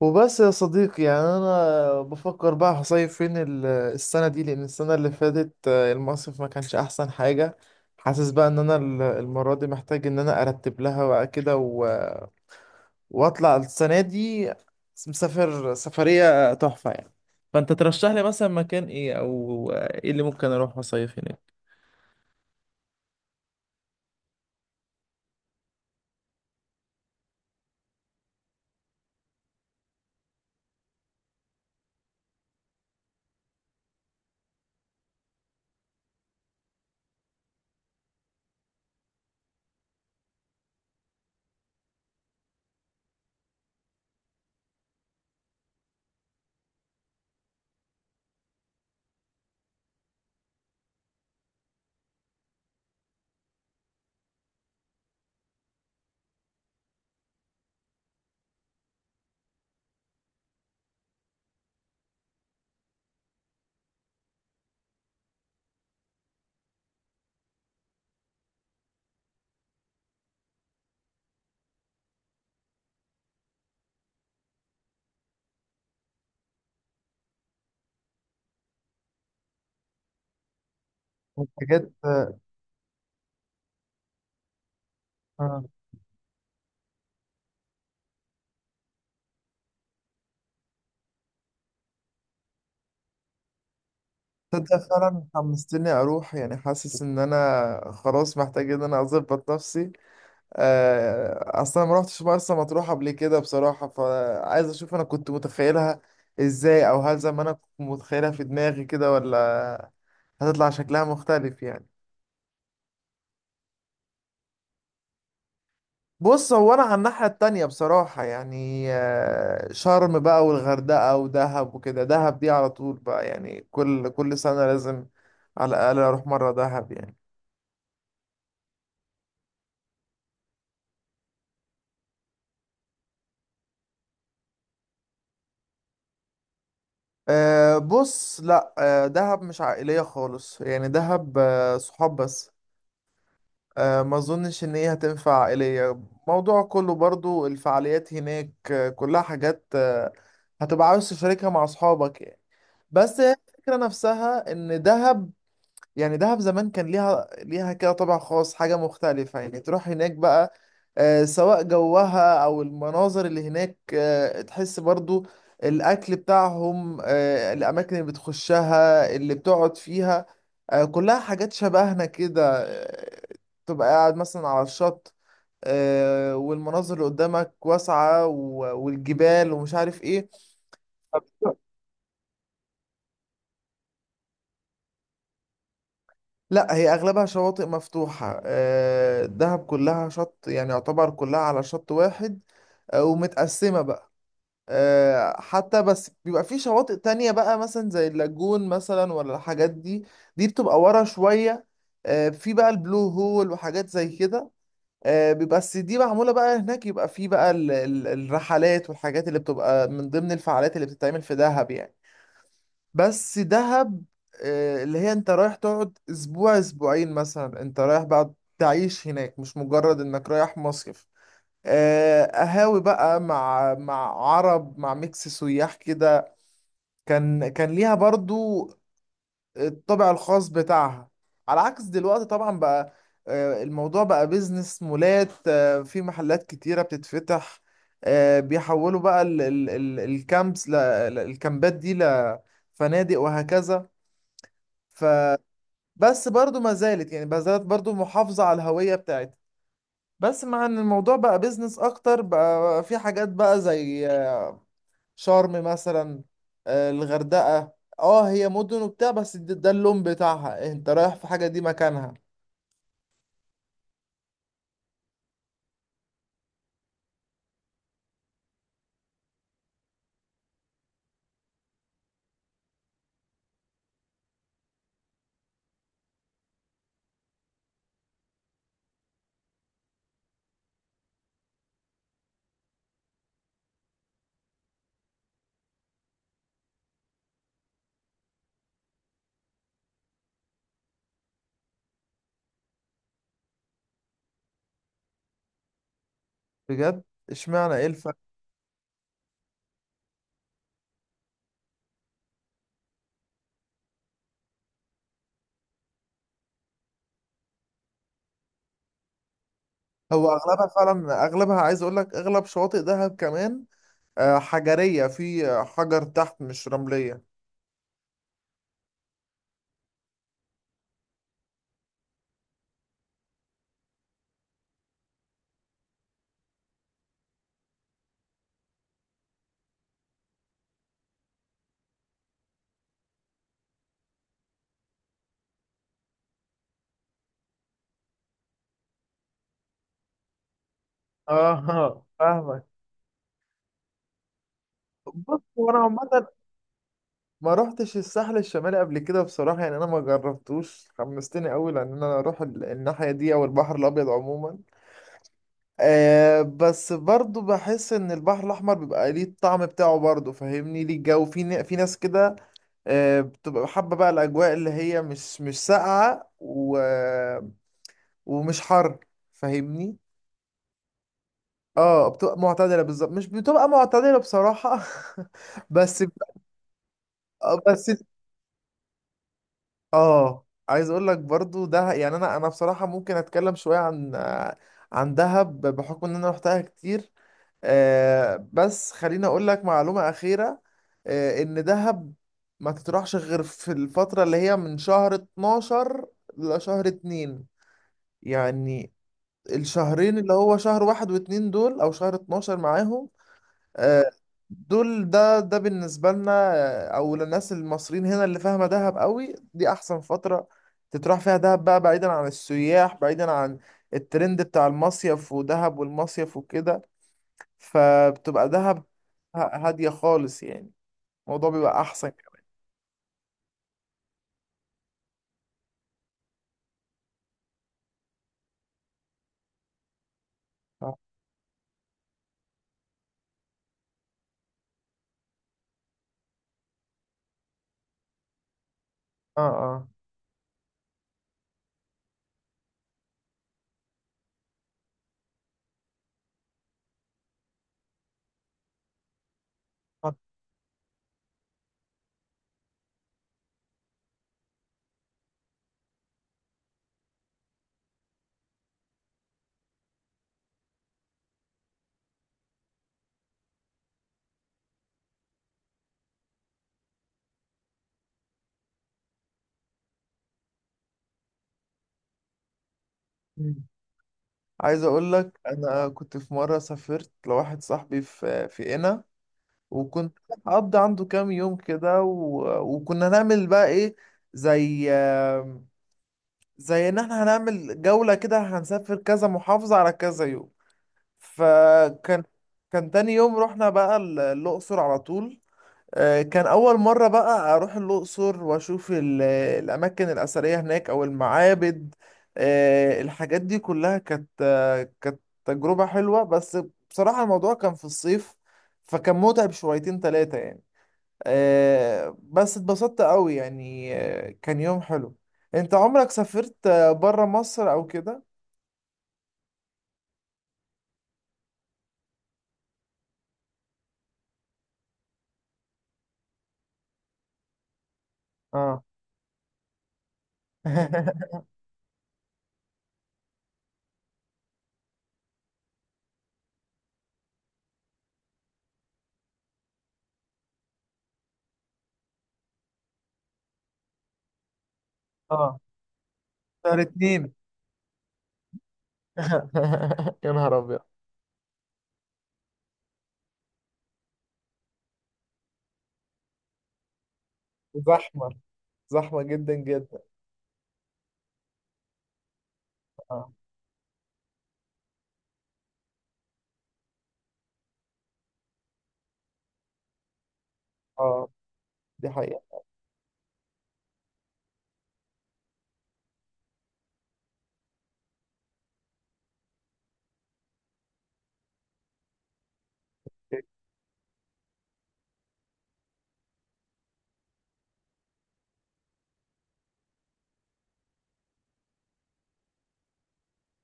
وبس يا صديقي، يعني انا بفكر بقى هصيف فين السنه دي، لان السنه اللي فاتت المصيف ما كانش احسن حاجه. حاسس بقى ان انا المره دي محتاج ان انا ارتب لها بقى كده واطلع السنه دي، مسافر سفريه تحفه يعني. فانت ترشح لي مثلا مكان ايه، او ايه اللي ممكن اروح اصيف هناك؟ حاجات. آه. تصدق فعلا حمستني اروح، يعني حاسس ان انا خلاص محتاج ان انا اظبط نفسي. اصلا ما رحتش مرسى مطروح قبل كده بصراحه، فعايز اشوف انا كنت متخيلها ازاي، او هل زي ما انا كنت متخيلها في دماغي كده، ولا هتطلع شكلها مختلف يعني. بص، هو انا على الناحيه التانية بصراحه، يعني شرم بقى والغردقه ودهب وكده. دهب دي على طول بقى، يعني كل سنه لازم على الاقل اروح مره دهب يعني. أه، بص، لا، أه دهب مش عائليه خالص يعني، دهب أه صحاب بس. ما اظنش ان هي هتنفع عائلية. موضوع كله برضو الفعاليات هناك، كلها حاجات هتبقى عاوز تشاركها مع اصحابك يعني. بس هي الفكرة نفسها ان دهب، يعني دهب زمان كان ليها كده طابع خاص، حاجة مختلفة يعني، تروح هناك بقى سواء جوها أو المناظر اللي هناك تحس برضو الأكل بتاعهم الأماكن اللي بتخشها اللي بتقعد فيها كلها حاجات شبهنا كده. تبقى قاعد مثلا على الشط والمناظر اللي قدامك واسعة والجبال، ومش عارف ايه. لا، هي اغلبها شواطئ مفتوحه. دهب كلها شط، يعني يعتبر كلها على شط واحد ومتقسمه بقى. حتى بس بيبقى في شواطئ تانية بقى، مثلا زي اللاجون مثلا، ولا الحاجات دي، دي بتبقى ورا شويه. في بقى البلو هول وحاجات زي كده، بيبقى بس دي معموله بقى هناك. يبقى في بقى الرحلات والحاجات اللي بتبقى من ضمن الفعاليات اللي بتتعمل في دهب يعني. بس دهب، اللي هي انت رايح تقعد اسبوع اسبوعين مثلا، انت رايح بقى تعيش هناك، مش مجرد انك رايح مصيف. قهاوي بقى مع عرب، مع ميكس سياح كده. كان ليها برضو الطابع الخاص بتاعها، على عكس دلوقتي طبعا بقى. الموضوع بقى بيزنس، مولات، في محلات كتيرة بتتفتح، بيحولوا بقى الكامبس الكامبات دي لفنادق وهكذا. فبس برضو ما زالت، يعني ما زالت برضو محافظة على الهوية بتاعتها، بس مع ان الموضوع بقى بيزنس اكتر بقى. في حاجات بقى زي شرم مثلا، الغردقة، اه هي مدن وبتاع، بس ده اللون بتاعها، انت رايح في حاجة دي مكانها. بجد؟ اشمعنى، ايه الفرق؟ هو اغلبها فعلا، اغلبها عايز اقول لك اغلب شواطئ دهب كمان، حجرية، في حجر تحت، مش رملية. اه فاهمك. بص، هو انا عامه ما روحتش الساحل الشمالي قبل كده بصراحة، يعني أنا ما جربتوش. حمستني أوي لأن أنا أروح الناحية دي، أو البحر الأبيض عموما. أه، بس برضو بحس إن البحر الأحمر بيبقى ليه الطعم بتاعه برضو، فاهمني؟ ليه الجو في ناس كده أه بتبقى حابة بقى الأجواء اللي هي مش ساقعة، و... ومش حر، فاهمني؟ اه، بتبقى معتدلة بالظبط، مش بتبقى معتدلة بصراحة. بس بس. اه، عايز اقول لك برضو ده، يعني انا بصراحه ممكن اتكلم شويه عن عن دهب، بحكم ان انا روحتها كتير. بس خليني اقول لك معلومه اخيره ان دهب ما تطرحش غير في الفتره اللي هي من شهر 12 لشهر 2، يعني الشهرين اللي هو شهر واحد واتنين دول، او شهر 12 معاهم. آه، دول، ده بالنسبة لنا أو للناس المصريين هنا اللي فاهمة دهب قوي، دي أحسن فترة تتراح فيها دهب بقى، بعيدا عن السياح، بعيدا عن الترند بتاع المصيف ودهب والمصيف وكده. فبتبقى دهب ه- هادية خالص يعني، الموضوع بيبقى أحسن كمان. اه، اه. مم. عايز أقول لك، أنا كنت في مرة سافرت لواحد صاحبي في قنا، وكنت هقضي عنده كام يوم كده وكنا نعمل بقى ايه، زي زي ان احنا هنعمل جولة كده، هنسافر كذا محافظة على كذا يوم. فكان كان تاني يوم رحنا بقى الأقصر على طول. كان أول مرة بقى أروح الأقصر وأشوف الأماكن الأثرية هناك أو المعابد الحاجات دي كلها. كانت تجربة حلوة، بس بصراحة الموضوع كان في الصيف، فكان متعب شويتين تلاتة يعني. بس اتبسطت قوي يعني، كان يوم حلو. انت عمرك سافرت بره مصر او كده؟ اه. اه، شهر اتنين؟ يا نهار ابيض! زحمة؟ زحمة جدا جدا؟ اه. اه، دي حقيقة.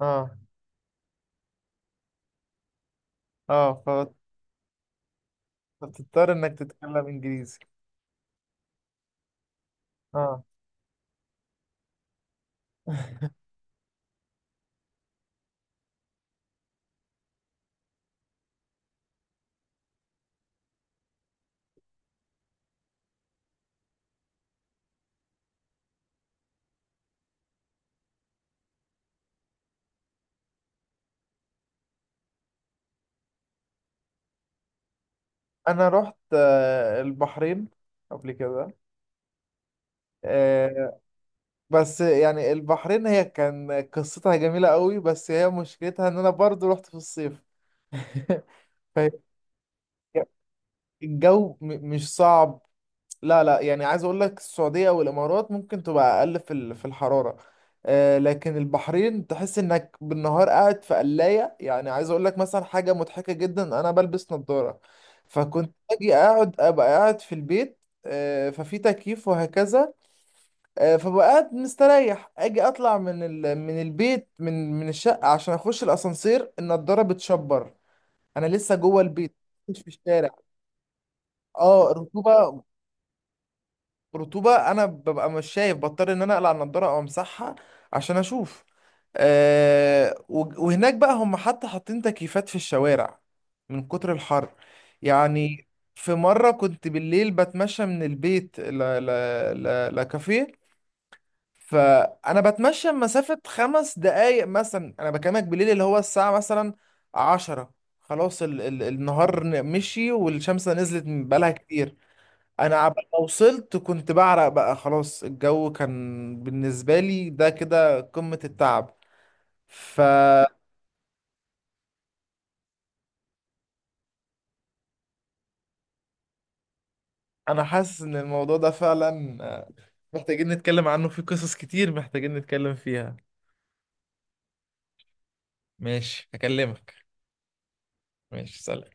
اه. اه. فبتضطر انك تتكلم انجليزي. اه. انا رحت البحرين قبل كده. آه، بس يعني البحرين، هي كان قصتها جميلة قوي، بس هي مشكلتها ان انا برضو رحت في الصيف. فالجو، مش صعب، لا، لا، يعني عايز اقول لك، السعودية والامارات ممكن تبقى اقل في الحرارة، لكن البحرين تحس انك بالنهار قاعد في قلاية. يعني عايز اقول لك مثلا حاجة مضحكة جدا، انا بلبس نظارة، فكنت اجي اقعد، ابقى قاعد في البيت، ففي تكييف وهكذا، فبقعد مستريح، اجي اطلع من من البيت، من الشقه، عشان اخش الاسانسير، النضاره بتشبر، انا لسه جوه البيت، مش في الشارع. اه، رطوبه، رطوبه، انا ببقى مش شايف، بضطر ان انا اقلع النضاره او امسحها عشان اشوف. أه، وهناك بقى هم حتى حاطين تكييفات في الشوارع، من كتر الحر يعني. في مرة كنت بالليل بتمشى من البيت لكافيه، فانا بتمشى مسافه 5 دقايق مثلا، انا بكلمك بالليل اللي هو الساعه مثلا 10، خلاص ال ال النهار مشي، والشمس نزلت من بقالها كتير، انا عبال ما وصلت كنت بعرق بقى، خلاص الجو كان بالنسبه لي ده كده قمه التعب. فانا حاسس ان الموضوع ده فعلا محتاجين نتكلم عنه، في قصص كتير محتاجين نتكلم فيها. ماشي، هكلمك. ماشي، سلام.